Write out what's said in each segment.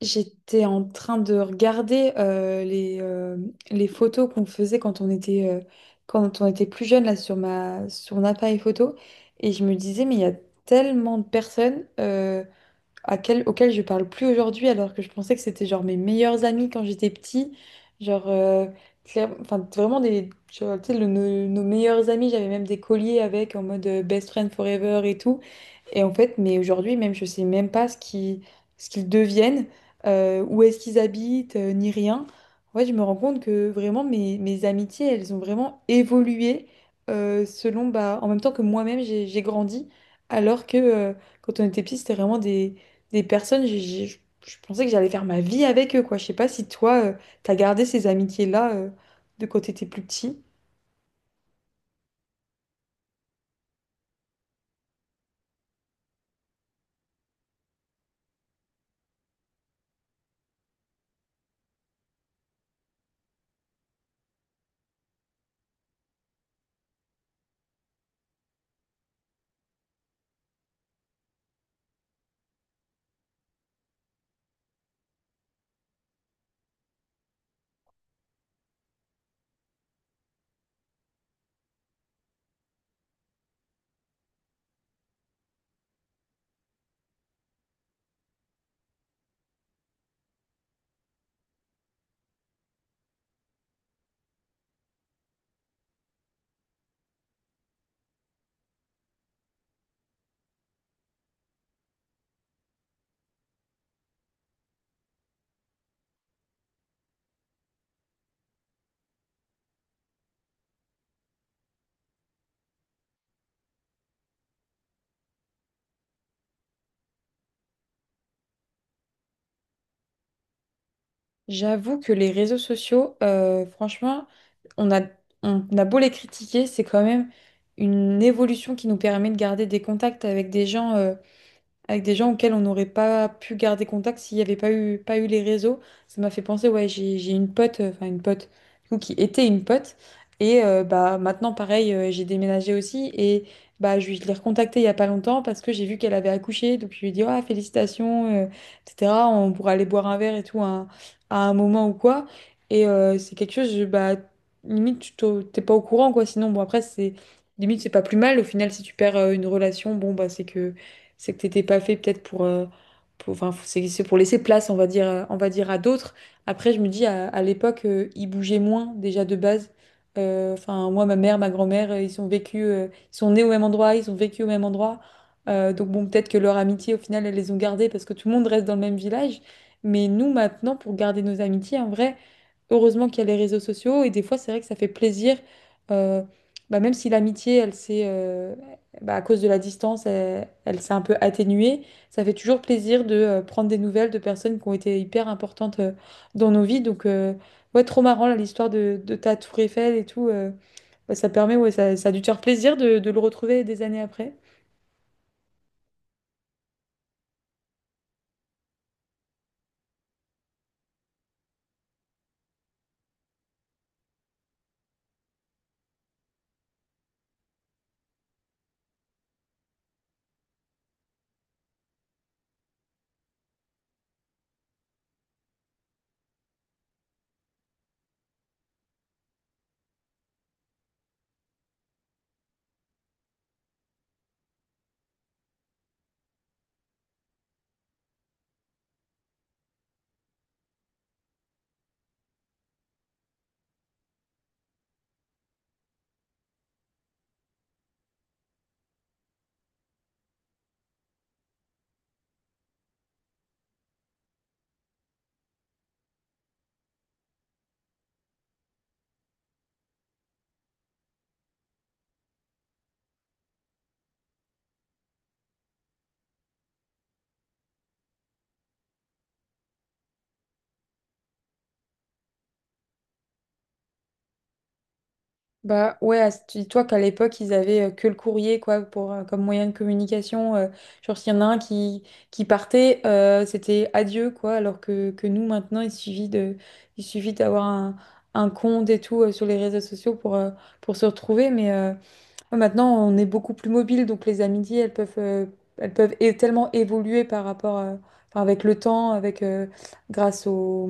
J'étais en train de regarder les photos qu'on faisait quand on était plus jeune là, sur mon appareil photo et je me disais mais il y a tellement de personnes, auxquelles je parle plus aujourd'hui alors que je pensais que c'était genre mes meilleurs amis quand j'étais petit, genre, enfin, vraiment des, genre, tu sais, nos meilleurs amis. J'avais même des colliers avec, en mode, best friend forever et tout. Et en fait, mais aujourd'hui, même, je sais même pas ce qu'ils deviennent, où est-ce qu'ils habitent, ni rien. En fait, je me rends compte que vraiment, mes amitiés, elles ont vraiment évolué, selon, bah, en même temps que moi-même, j'ai grandi. Alors que, quand on était petit, c'était vraiment des personnes, je pensais que j'allais faire ma vie avec eux, quoi. Je sais pas si toi, t'as gardé ces amitiés-là, de quand t'étais plus petit. J'avoue que les réseaux sociaux, franchement, on a, on a beau les critiquer, c'est quand même une évolution qui nous permet de garder des contacts avec des gens, avec des gens auxquels on n'aurait pas pu garder contact s'il n'y avait pas eu les réseaux. Ça m'a fait penser, ouais, j'ai une pote, enfin une pote, du coup, qui était une pote. Et bah, maintenant, pareil, j'ai déménagé aussi. Et bah, je l'ai recontactée il n'y a pas longtemps parce que j'ai vu qu'elle avait accouché. Donc, je lui ai dit, ah, félicitations, etc. On pourra aller boire un verre et tout, à un moment ou quoi. Et c'est quelque chose, bah, limite, t'es pas au courant, quoi. Sinon, bon, après, c'est limite, c'est pas plus mal. Au final, si tu perds, une relation, bon, bah, c'est que t'étais pas fait peut-être pour, enfin, c'est pour laisser place, on va dire, à d'autres. Après, je me dis, à l'époque, ils bougeaient moins déjà de base. Enfin, moi, ma mère, ma grand-mère, ils sont nés au même endroit, ils ont vécu au même endroit. Donc bon, peut-être que leur amitié, au final, elles les ont gardées parce que tout le monde reste dans le même village. Mais nous, maintenant, pour garder nos amitiés, en vrai, heureusement qu'il y a les réseaux sociaux et des fois, c'est vrai que ça fait plaisir. euh, bah, même si l'amitié, elle s'est bah, à cause de la distance, elle s'est un peu atténuée. Ça fait toujours plaisir de prendre des nouvelles de personnes qui ont été hyper importantes, dans nos vies. Donc, ouais, trop marrant, là, l'histoire de ta Tour Eiffel et tout. Bah, ça permet, ouais, ça a dû te faire plaisir de le retrouver des années après. Bah ouais, tu dis-toi qu'à l'époque, ils avaient, que le courrier quoi pour, comme moyen de communication. Genre s'il y en a un qui partait, c'était adieu quoi, alors que nous maintenant, il suffit d'avoir un, compte et tout, sur les réseaux sociaux pour, se retrouver. Mais, maintenant, on est beaucoup plus mobile, donc les amitiés, elles peuvent, tellement évoluer enfin, avec le temps, avec, grâce au,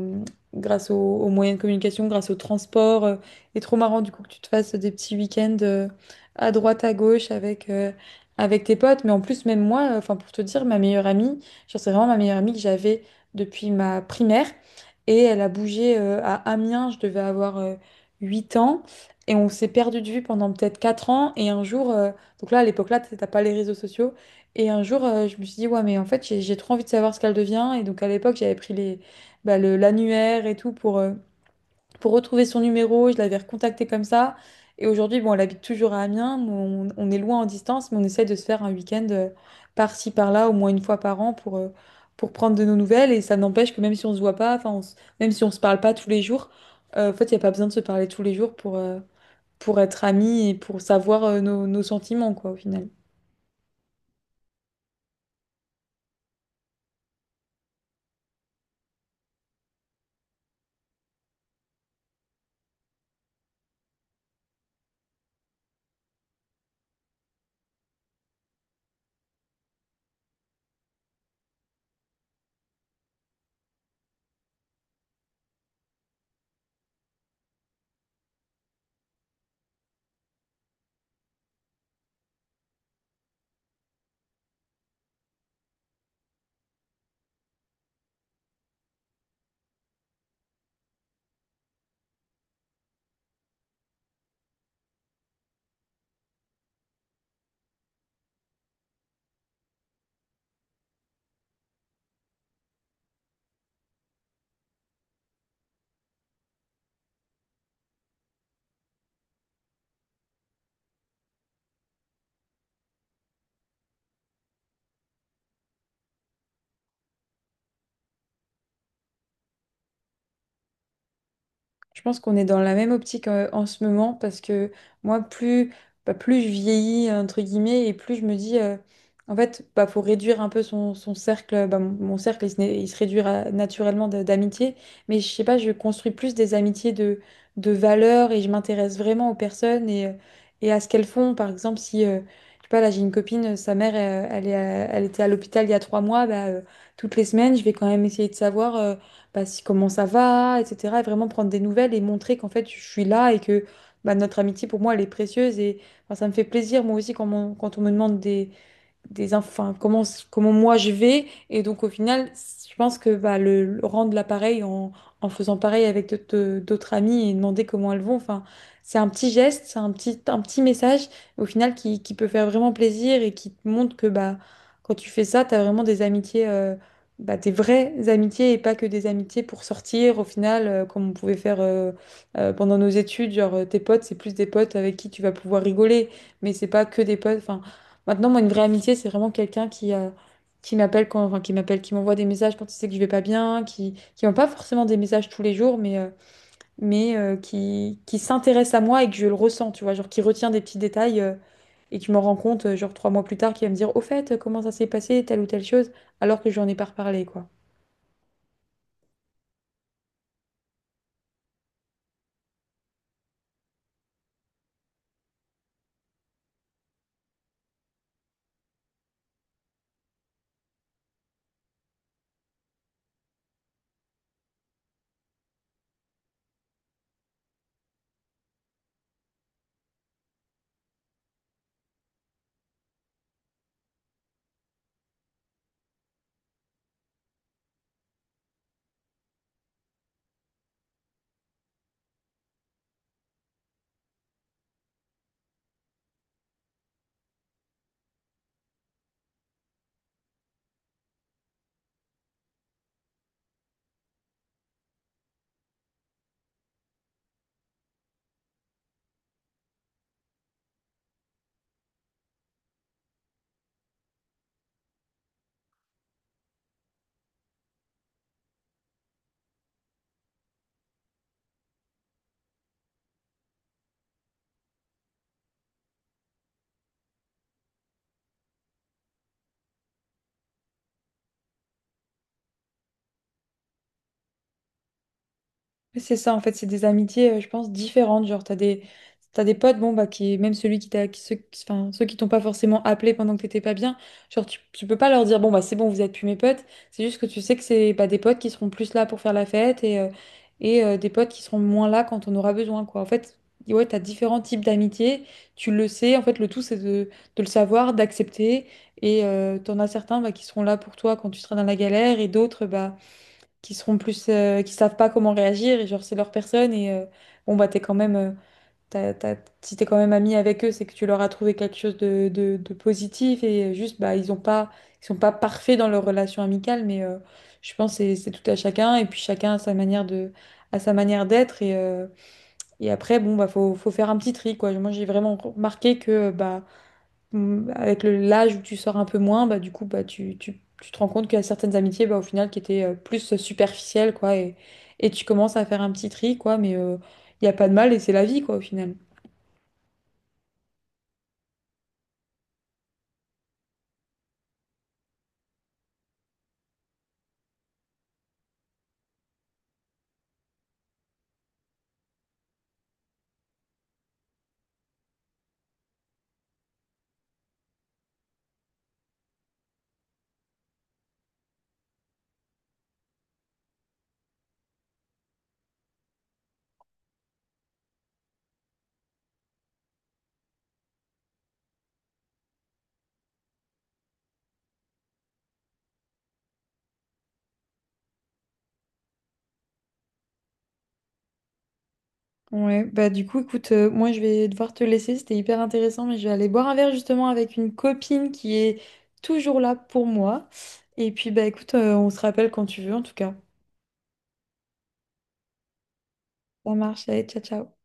grâce au aux moyens de communication, grâce au transport. Et trop marrant, du coup, que tu te fasses des petits week-ends, à droite, à gauche, avec tes potes. Mais en plus, même moi, enfin, pour te dire, ma meilleure amie, genre, c'est vraiment ma meilleure amie que j'avais depuis ma primaire. Et elle a bougé, à Amiens, je devais avoir, 8 ans. Et on s'est perdu de vue pendant peut-être 4 ans. Et un jour, donc là, à l'époque là, t'as pas les réseaux sociaux. Et un jour, je me suis dit, ouais, mais en fait, j'ai trop envie de savoir ce qu'elle devient. Et donc à l'époque, j'avais pris bah, l'annuaire et tout pour, retrouver son numéro. Je l'avais recontacté comme ça. Et aujourd'hui, bon, elle habite toujours à Amiens, mais on est loin en distance, mais on essaie de se faire un week-end, par-ci, par-là, au moins une fois par an pour, prendre de nos nouvelles. Et ça n'empêche que même si on se voit pas, enfin, même si on se parle pas tous les jours, en fait, il n'y a pas besoin de se parler tous les jours pour être amis et pour savoir, nos sentiments, quoi, au final. Je pense qu'on est dans la même optique, en ce moment parce que moi, bah, plus je vieillis, entre guillemets, et plus je me dis, en fait, bah, faut réduire un peu son cercle. Bah, mon cercle, il se réduira naturellement d'amitié, mais je sais pas, je construis plus des amitiés de valeur et je m'intéresse vraiment aux personnes et à ce qu'elles font. Par exemple, si, je sais pas, là, j'ai une copine, sa mère, elle était à l'hôpital il y a 3 mois. Bah, toutes les semaines, je vais quand même essayer de savoir, bah, comment ça va, etc. Et vraiment prendre des nouvelles et montrer qu'en fait, je suis là et que bah, notre amitié, pour moi, elle est précieuse. Et enfin, ça me fait plaisir, moi aussi, quand, quand on me demande des enfin comment moi je vais, et donc au final je pense que bah, le rendre l'appareil en faisant pareil avec d'autres amis et demander comment elles vont enfin, c'est un petit geste, c'est un petit, message au final qui peut faire vraiment plaisir et qui te montre que bah quand tu fais ça t'as vraiment des amitiés, bah, des vraies amitiés et pas que des amitiés pour sortir au final, comme on pouvait faire, pendant nos études, genre, tes potes c'est plus des potes avec qui tu vas pouvoir rigoler mais c'est pas que des potes enfin. Maintenant, moi, une vraie amitié, c'est vraiment quelqu'un qui m'appelle quand, enfin, qui m'appelle, qui m'envoie des messages quand il sait que je vais pas bien, qui m'envoie pas forcément des messages tous les jours, mais, qui s'intéresse à moi et que je le ressens, tu vois, genre qui retient des petits détails, et qui m'en rend compte, genre 3 mois plus tard, qui va me dire, au fait, comment ça s'est passé, telle ou telle chose, alors que j'en ai pas reparlé, quoi. Ouais, c'est ça, en fait, c'est des amitiés, je pense, différentes. Genre, t'as des potes, bon, bah, qui, même celui qui t'a, qui, ceux, enfin, ceux qui t'ont pas forcément appelé pendant que t'étais pas bien, genre, tu peux pas leur dire, bon, bah, c'est bon, vous êtes plus mes potes. C'est juste que tu sais que c'est, bah, des potes qui seront plus là pour faire la fête et des potes qui seront moins là quand on aura besoin, quoi. En fait, ouais, t'as différents types d'amitiés, tu le sais. En fait, le tout, c'est de le savoir, d'accepter. Et t'en as certains, bah, qui seront là pour toi quand tu seras dans la galère et d'autres, bah, qui seront plus, qui savent pas comment réagir et genre c'est leur personne et, bon bah t'es quand même, t'as- t'as- si t'es quand même ami avec eux c'est que tu leur as trouvé quelque chose de positif et, juste bah ils sont pas parfaits dans leur relation amicale mais, je pense que c'est tout à chacun et puis chacun a sa manière de à sa manière d'être et après bon bah faut faire un petit tri quoi, moi j'ai vraiment remarqué que bah, avec l'âge où tu sors un peu moins, bah, du coup, bah, tu te rends compte qu'il y a certaines amitiés, bah, au final, qui étaient, plus superficielles, quoi, et tu commences à faire un petit tri, quoi, mais, il n'y a pas de mal et c'est la vie, quoi, au final. Ouais, bah du coup, écoute, moi je vais devoir te laisser, c'était hyper intéressant, mais je vais aller boire un verre justement avec une copine qui est toujours là pour moi. Et puis, bah écoute, on se rappelle quand tu veux, en tout cas. Ça marche, allez, ciao, ciao.